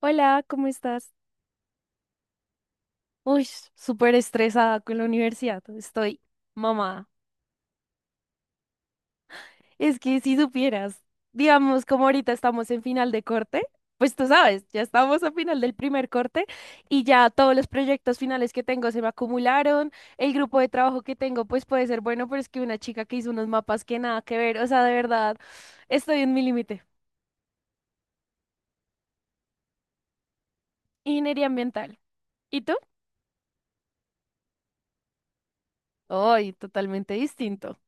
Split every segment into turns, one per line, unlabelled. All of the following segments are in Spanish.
Hola, ¿cómo estás? Uy, súper estresada con la universidad. Estoy mamá. Es que si supieras, digamos, como ahorita estamos en final de corte, pues tú sabes, ya estamos a final del primer corte y ya todos los proyectos finales que tengo se me acumularon. El grupo de trabajo que tengo, pues puede ser bueno, pero es que una chica que hizo unos mapas que nada que ver. O sea, de verdad, estoy en mi límite. Ingeniería ambiental. ¿Y tú? Hoy, totalmente distinto.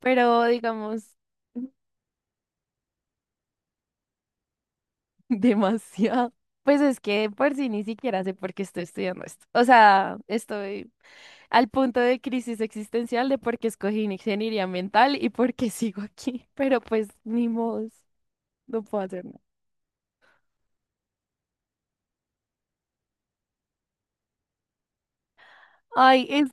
Pero digamos. Demasiado. Pues es que por sí ni siquiera sé por qué estoy estudiando esto. O sea, estoy al punto de crisis existencial de por qué escogí ingeniería mental y por qué sigo aquí. Pero pues ni modo, no puedo hacer nada. Ay, es,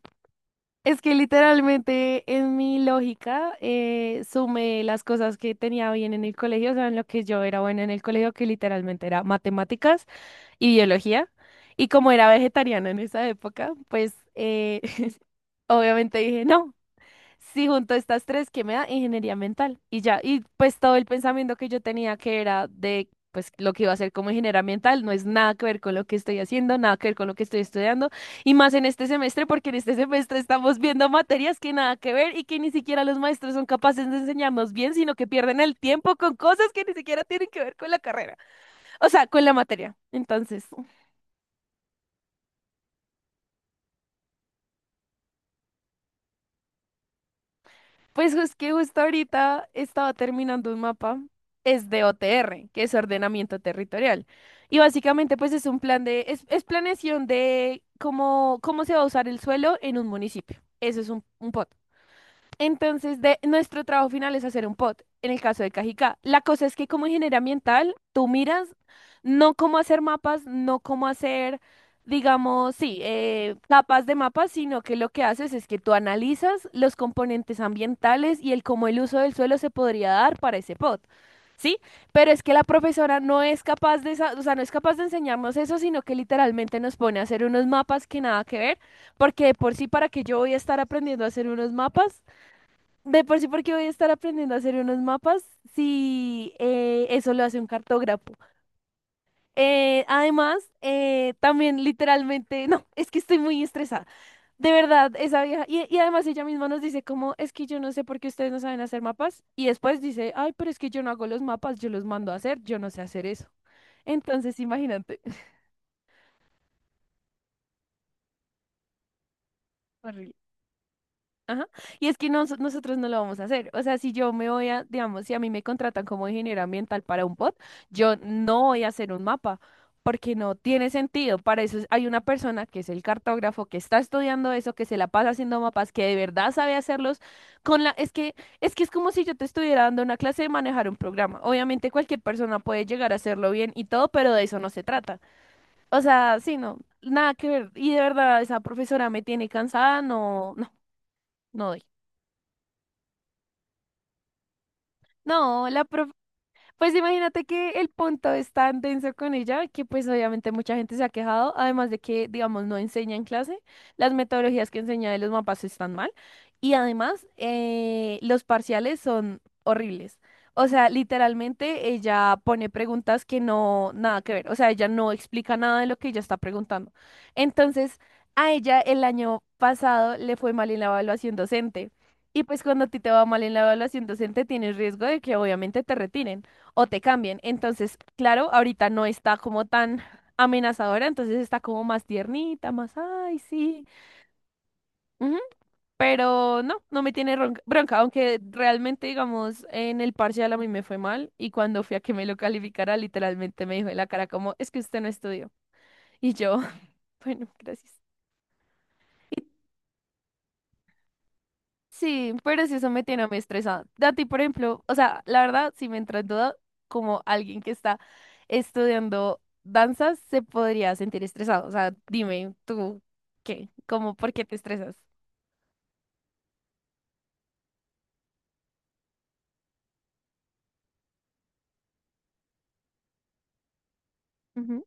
es que literalmente en mi lógica sumé las cosas que tenía bien en el colegio, o sea, en lo que yo era buena en el colegio, que literalmente era matemáticas y biología. Y como era vegetariana en esa época, pues obviamente dije, no, si junto estas tres, ¿qué me da? Ingeniería mental. Y ya, y pues todo el pensamiento que yo tenía que era de, pues lo que iba a hacer como ingeniera ambiental, no es nada que ver con lo que estoy haciendo, nada que ver con lo que estoy estudiando, y más en este semestre, porque en este semestre estamos viendo materias que nada que ver y que ni siquiera los maestros son capaces de enseñarnos bien, sino que pierden el tiempo con cosas que ni siquiera tienen que ver con la carrera, o sea, con la materia. Entonces. Pues es que justo ahorita estaba terminando un mapa, es de OTR, que es ordenamiento territorial. Y básicamente pues es un plan de, es planeación de cómo, cómo se va a usar el suelo en un municipio. Eso es un POT. Entonces, nuestro trabajo final es hacer un POT, en el caso de Cajicá. La cosa es que como ingeniero ambiental, tú miras no cómo hacer mapas, no cómo hacer, digamos, sí, capas de mapas, sino que lo que haces es que tú analizas los componentes ambientales y el cómo el uso del suelo se podría dar para ese POT. Sí, pero es que la profesora no es capaz de, o sea, no es capaz de enseñarnos eso, sino que literalmente nos pone a hacer unos mapas que nada que ver, porque de por sí para que yo voy a estar aprendiendo a hacer unos mapas de por sí, porque voy a estar aprendiendo a hacer unos mapas si eso lo hace un cartógrafo. Además, también literalmente, no, es que estoy muy estresada. De verdad, esa vieja. Y además ella misma nos dice como, es que yo no sé por qué ustedes no saben hacer mapas. Y después dice, ay, pero es que yo no hago los mapas, yo los mando a hacer, yo no sé hacer eso. Entonces, imagínate. Horrible. Ajá. Y es que nosotros no lo vamos a hacer. O sea, si yo me voy a, digamos, si a mí me contratan como ingeniero ambiental para un POT, yo no voy a hacer un mapa, porque no tiene sentido. Para eso hay una persona que es el cartógrafo, que está estudiando eso, que se la pasa haciendo mapas, que de verdad sabe hacerlos con la... Es que, es que es como si yo te estuviera dando una clase de manejar un programa. Obviamente cualquier persona puede llegar a hacerlo bien y todo, pero de eso no se trata. O sea, sí, no, nada que ver. Y de verdad, esa profesora me tiene cansada, no, no, no doy. No, la prof pues imagínate que el punto es tan denso con ella que pues obviamente mucha gente se ha quejado, además de que, digamos, no enseña en clase, las metodologías que enseña de los mapas están mal y además los parciales son horribles. O sea, literalmente ella pone preguntas que no, nada que ver, o sea, ella no explica nada de lo que ella está preguntando. Entonces, a ella el año pasado le fue mal en la evaluación docente. Y pues cuando a ti te va mal en la evaluación docente, tienes riesgo de que obviamente te retiren o te cambian. Entonces, claro, ahorita no está como tan amenazadora, entonces está como más tiernita, más, ay, sí. Ujú. Pero no, no me tiene bronca, aunque realmente, digamos, en el parcial a mí me fue mal y cuando fui a que me lo calificara, literalmente me dijo en la cara como, es que usted no estudió. Y yo, bueno, gracias. Sí, pero si eso me tiene muy estresada. A ti, por ejemplo, o sea, la verdad, si me entra en duda, como alguien que está estudiando danzas, se podría sentir estresado. O sea, dime tú, ¿qué? ¿Cómo, por qué te estresas? Ujú.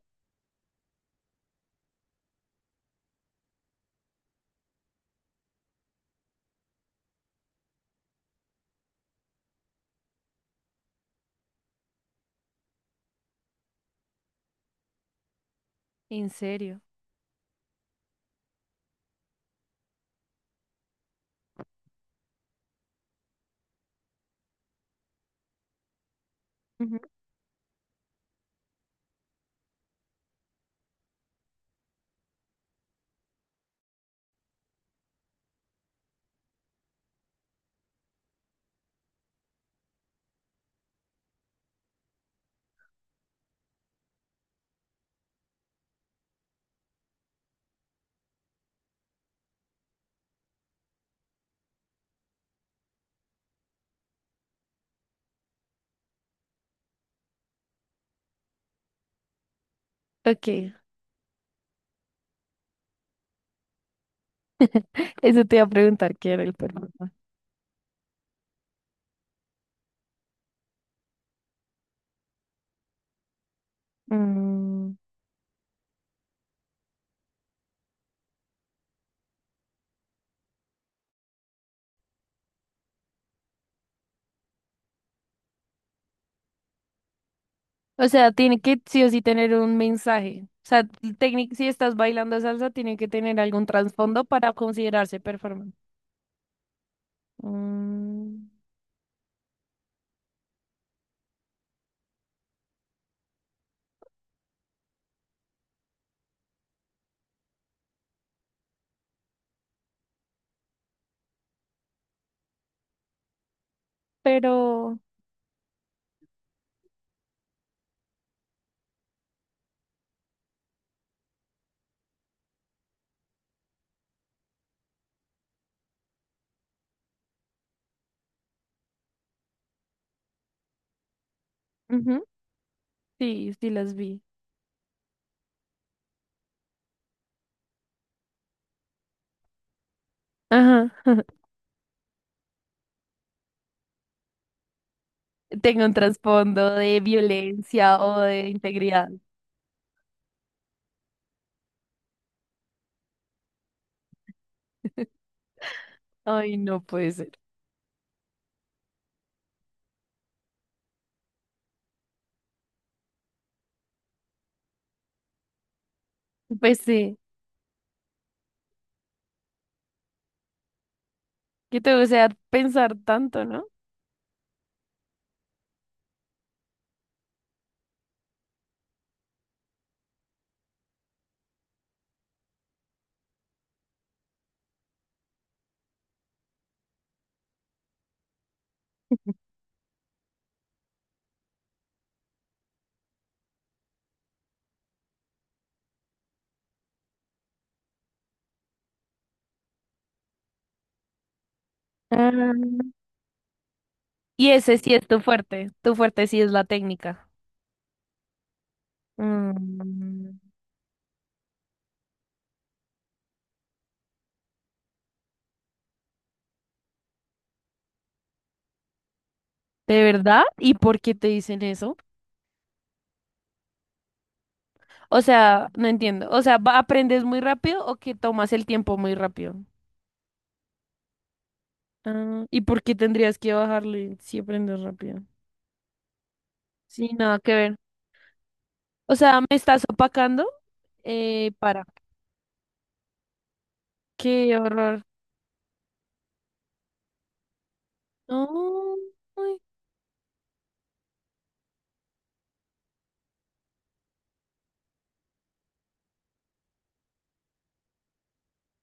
¿En serio? Ujú. Ok. Eso te iba a preguntar qué era el problema. Mm. O sea, tiene que sí o sí tener un mensaje. O sea, si estás bailando salsa, tiene que tener algún trasfondo para considerarse performance. Mm. Pero. Ujú. Sí, sí las vi. Ajá. Tengo un trasfondo de violencia o de integridad. Ay, no puede ser. Pues sí, que te gusta pensar tanto, ¿no? Ah. Y ese sí es tu fuerte. Tu fuerte sí es la técnica. Mm. ¿De verdad? ¿Y por qué te dicen eso? O sea, no entiendo. O sea, ¿aprendes muy rápido o que tomas el tiempo muy rápido? Ah, ¿y por qué tendrías que bajarle si aprendes rápido? Sí, nada que ver. O sea, me estás opacando. Para. Qué horror. No, ay,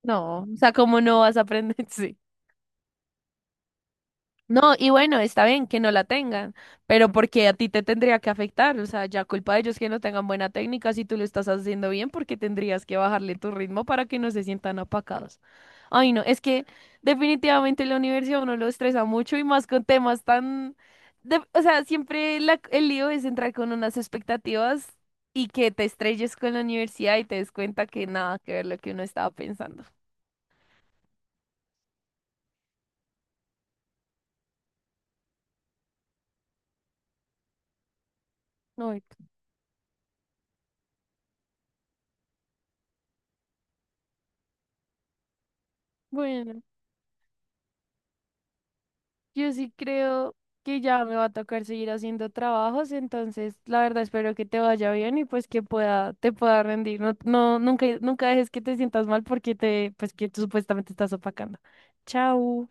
no, o sea, ¿cómo no vas a aprender? Sí. No, y bueno, está bien que no la tengan, pero porque a ti te tendría que afectar, o sea, ya culpa de ellos que no tengan buena técnica, si tú lo estás haciendo bien, porque tendrías que bajarle tu ritmo para que no se sientan apacados. Ay, no, es que definitivamente la universidad a uno lo estresa mucho y más con temas tan. O sea, siempre el lío es entrar con unas expectativas y que te estrelles con la universidad y te des cuenta que nada que ver lo que uno estaba pensando. Ay, bueno. Yo sí creo que ya me va a tocar seguir haciendo trabajos, entonces la verdad espero que te vaya bien y pues que pueda, te pueda rendir. No, no, nunca, nunca dejes que te sientas mal porque te, pues que tú supuestamente estás opacando. Chao.